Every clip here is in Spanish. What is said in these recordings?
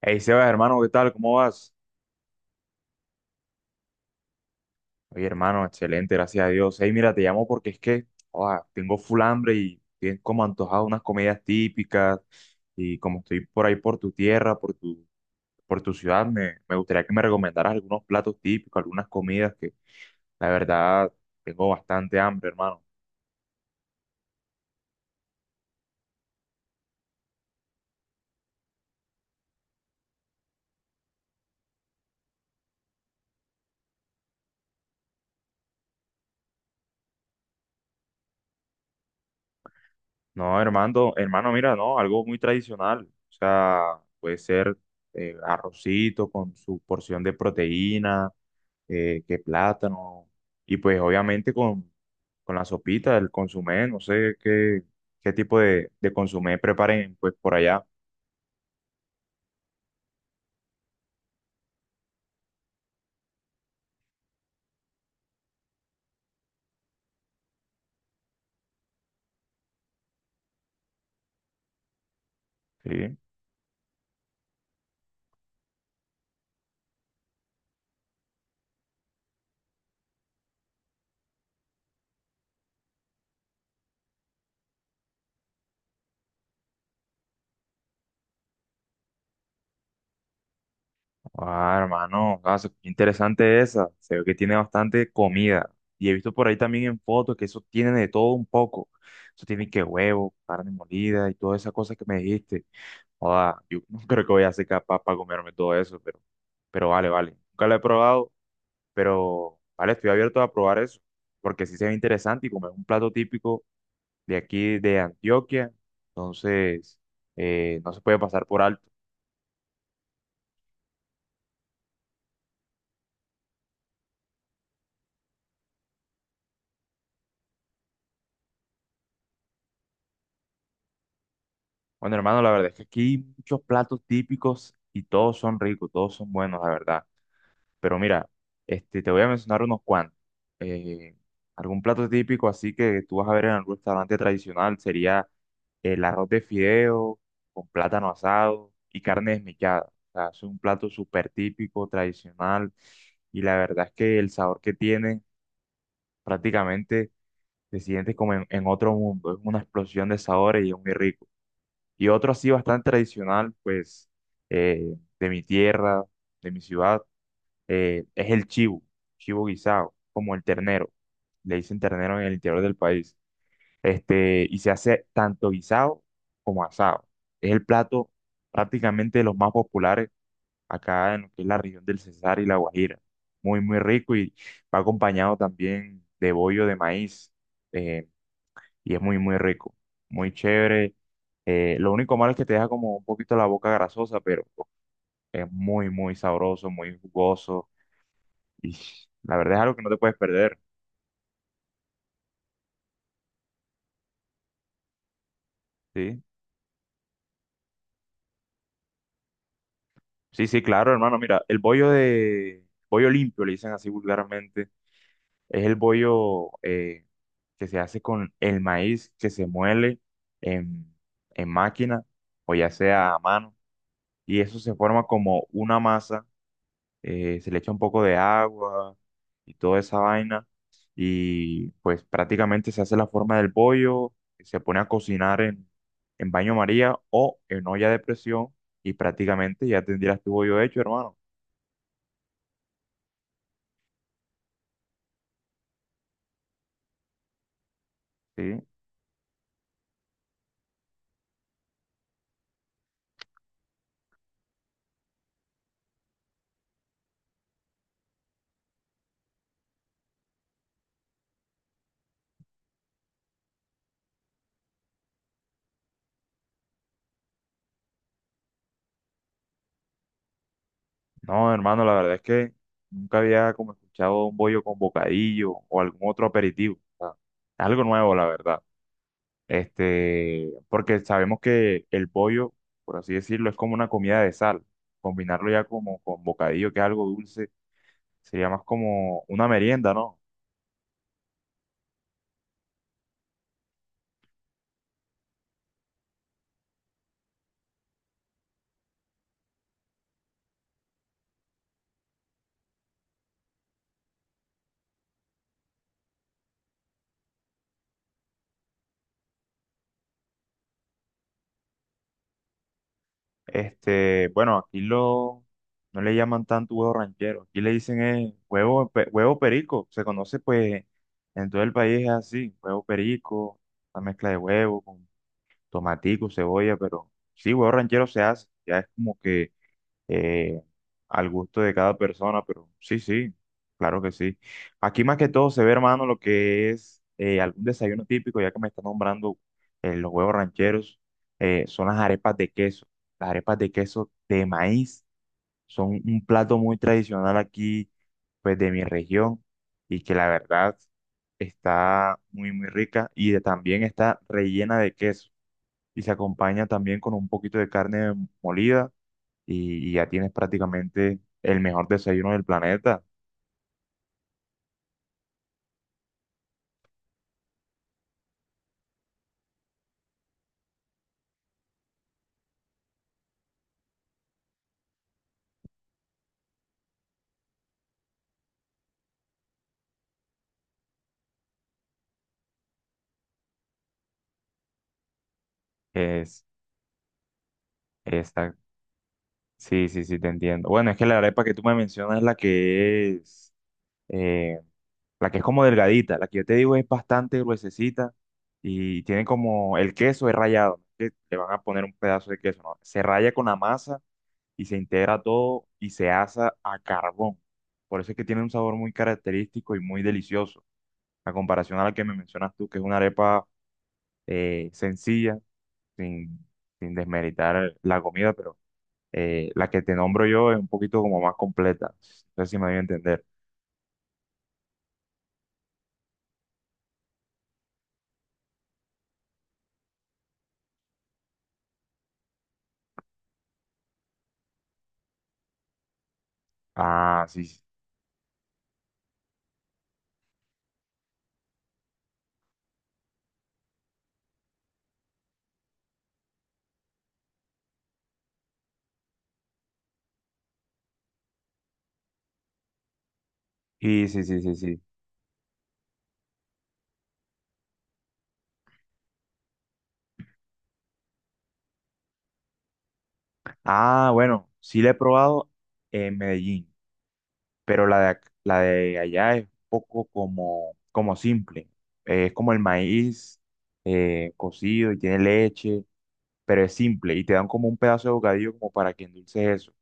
Hey Sebas, hermano, ¿qué tal? ¿Cómo vas? Oye, hermano, excelente, gracias a Dios. Hey, mira, te llamo porque es que tengo full hambre y estoy como antojado de unas comidas típicas y como estoy por ahí por tu tierra, por tu ciudad, me gustaría que me recomendaras algunos platos típicos, algunas comidas que la verdad tengo bastante hambre, hermano. No, hermano, mira, no, algo muy tradicional. O sea, puede ser arrocito con su porción de proteína, que plátano, y pues obviamente con la sopita, el consomé, no sé qué, qué tipo de consomé preparen pues por allá. Sí. Ah, hermano, ah, qué interesante esa. Se ve que tiene bastante comida. Y he visto por ahí también en fotos que eso tiene de todo un poco. Eso tiene que huevo, carne molida y todas esas cosas que me dijiste. Joda, yo no creo que voy a ser capaz para comerme todo eso, pero vale, vale. Nunca lo he probado, pero vale, estoy abierto a probar eso, porque sí se ve interesante y como es un plato típico de aquí de Antioquia, entonces no se puede pasar por alto. Bueno, hermano, la verdad es que aquí hay muchos platos típicos y todos son ricos, todos son buenos, la verdad. Pero mira, este, te voy a mencionar unos cuantos. Eh, Algún plato típico así que tú vas a ver en algún restaurante tradicional sería el arroz de fideo con plátano asado y carne desmechada. O sea, es un plato súper típico, tradicional, y la verdad es que el sabor que tiene prácticamente te sientes como en otro mundo. Es una explosión de sabores y es muy rico. Y otro así bastante tradicional, pues, de mi tierra, de mi ciudad, es el chivo, chivo guisado, como el ternero. Le dicen ternero en el interior del país. Este, y se hace tanto guisado como asado. Es el plato prácticamente de los más populares acá en lo que es la región del Cesar y la Guajira. Muy, muy rico, y va acompañado también de bollo de maíz. eh, y es muy, muy rico, muy chévere. Lo único malo es que te deja como un poquito la boca grasosa, pero es muy, muy sabroso, muy jugoso, y la verdad es algo que no te puedes perder, ¿sí? Sí, sí, claro, hermano. Mira, el bollo de... Bollo limpio, le dicen así vulgarmente. Es el bollo que se hace con el maíz que se muele en, en máquina o ya sea a mano. Y eso se forma como una masa, se le echa un poco de agua y toda esa vaina. Y pues prácticamente se hace la forma del pollo, se pone a cocinar en baño María o en olla de presión, y prácticamente ya tendrías tu bollo hecho, hermano. Sí. No, hermano, la verdad es que nunca había como escuchado un bollo con bocadillo o algún otro aperitivo. O sea, algo nuevo, la verdad. Este, porque sabemos que el pollo, por así decirlo, es como una comida de sal. Combinarlo ya como con bocadillo, que es algo dulce, sería más como una merienda, ¿no? Este, bueno, aquí lo, no le llaman tanto huevo ranchero, aquí le dicen es huevo, huevo perico, se conoce pues en todo el país es así, huevo perico, la mezcla de huevo con tomatico, cebolla, pero sí, huevo ranchero se hace, ya es como que eh, al gusto de cada persona, pero sí, sí, claro que sí. Aquí más que todo se ve, hermano, lo que es algún desayuno típico, ya que me está nombrando los huevos rancheros, son las arepas de queso. Las arepas de queso de maíz son un plato muy tradicional aquí, pues de mi región, y que la verdad está muy, muy rica y también está rellena de queso. Y se acompaña también con un poquito de carne molida, y ya tienes prácticamente el mejor desayuno del planeta. Es, esta, sí, sí, sí, te entiendo. Bueno, es que la arepa que tú me mencionas es la que es, eh, la que es como delgadita, la que yo te digo es bastante gruesecita y tiene como el queso es rallado, ¿no? Que le van a poner un pedazo de queso, ¿no? Se raya con la masa y se integra todo y se asa a carbón. Por eso es que tiene un sabor muy característico y muy delicioso, a comparación a la que me mencionas tú, que es una arepa sencilla, sin, sin desmeritar la comida, pero la que te nombro yo es un poquito como más completa. No sé si me voy a entender. Ah, sí, sí, y sí, sí, sí, sí. Ah, bueno, sí la he probado en Medellín, pero la de, la de allá es un poco como, como simple. Es como el maíz cocido y tiene leche, pero es simple y te dan como un pedazo de bocadillo como para que endulces eso.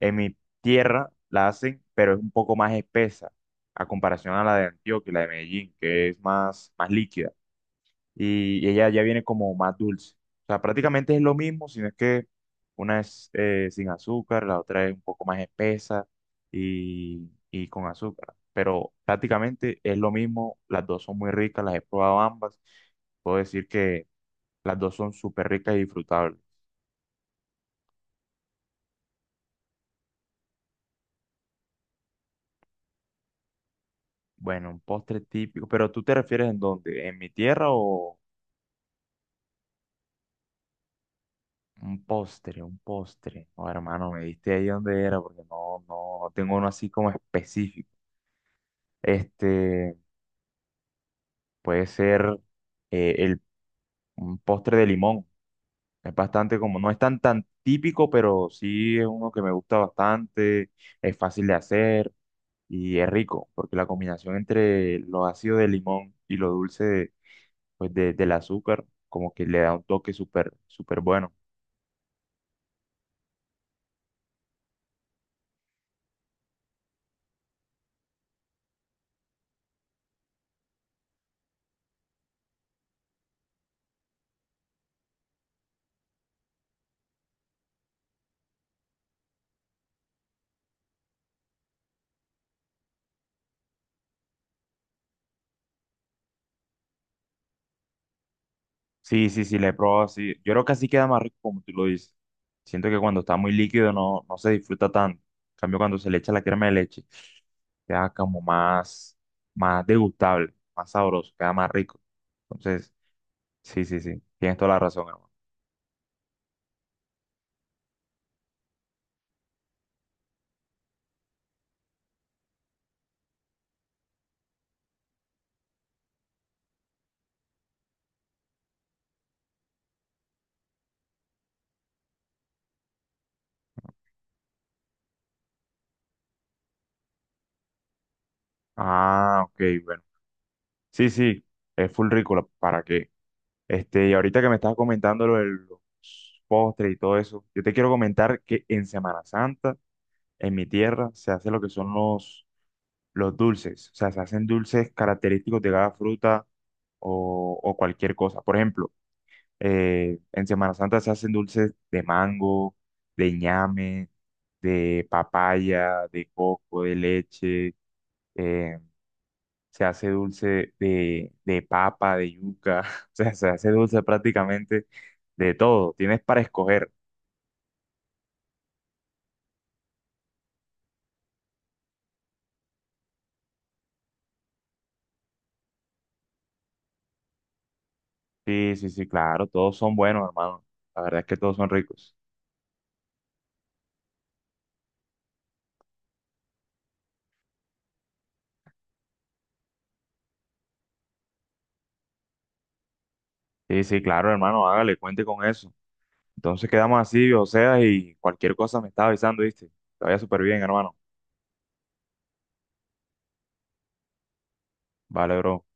En mi tierra la hacen, pero es un poco más espesa a comparación a la de Antioquia y la de Medellín, que es más, más líquida. Y ella ya viene como más dulce. O sea, prácticamente es lo mismo, sino es que una es sin azúcar, la otra es un poco más espesa y con azúcar. Pero prácticamente es lo mismo, las dos son muy ricas, las he probado ambas. Puedo decir que las dos son súper ricas y disfrutables. Bueno, un postre típico, pero ¿tú te refieres en dónde? ¿En mi tierra o, un postre, un postre? Oh, hermano, me diste ahí donde era porque no, no tengo uno así como específico. Este, puede ser eh, el, un postre de limón. Es bastante como, no es tan tan típico, pero sí es uno que me gusta bastante, es fácil de hacer y es rico, porque la combinación entre lo ácido de limón y lo dulce pues del azúcar, como que le da un toque súper, súper bueno. Sí, sí, sí, la he probado así. Yo creo que así queda más rico como tú lo dices. Siento que cuando está muy líquido no, no se disfruta tanto. En cambio, cuando se le echa la crema de leche, queda como más, más degustable, más sabroso, queda más rico. Entonces, sí, sí, sí, tienes toda la razón, hermano. Ah, ok, bueno. Sí, sí, es full rico, ¿para qué? Este, y ahorita que me estás comentando lo de los postres y todo eso, yo te quiero comentar que en Semana Santa, en mi tierra, se hace lo que son los dulces, o sea, se hacen dulces característicos de cada fruta o cualquier cosa. Por ejemplo, en Semana Santa se hacen dulces de mango, de ñame, de papaya, de coco, de leche, eh, se hace dulce de papa, de yuca, o sea, se hace dulce prácticamente de todo, tienes para escoger. Sí, sí, sí, claro, todos son buenos, hermano. La verdad es que todos son ricos. Sí, sí, claro, hermano, hágale, cuente con eso. Entonces quedamos así, o sea, y cualquier cosa me estaba avisando, ¿viste? Te vaya súper bien, hermano. Vale, bro.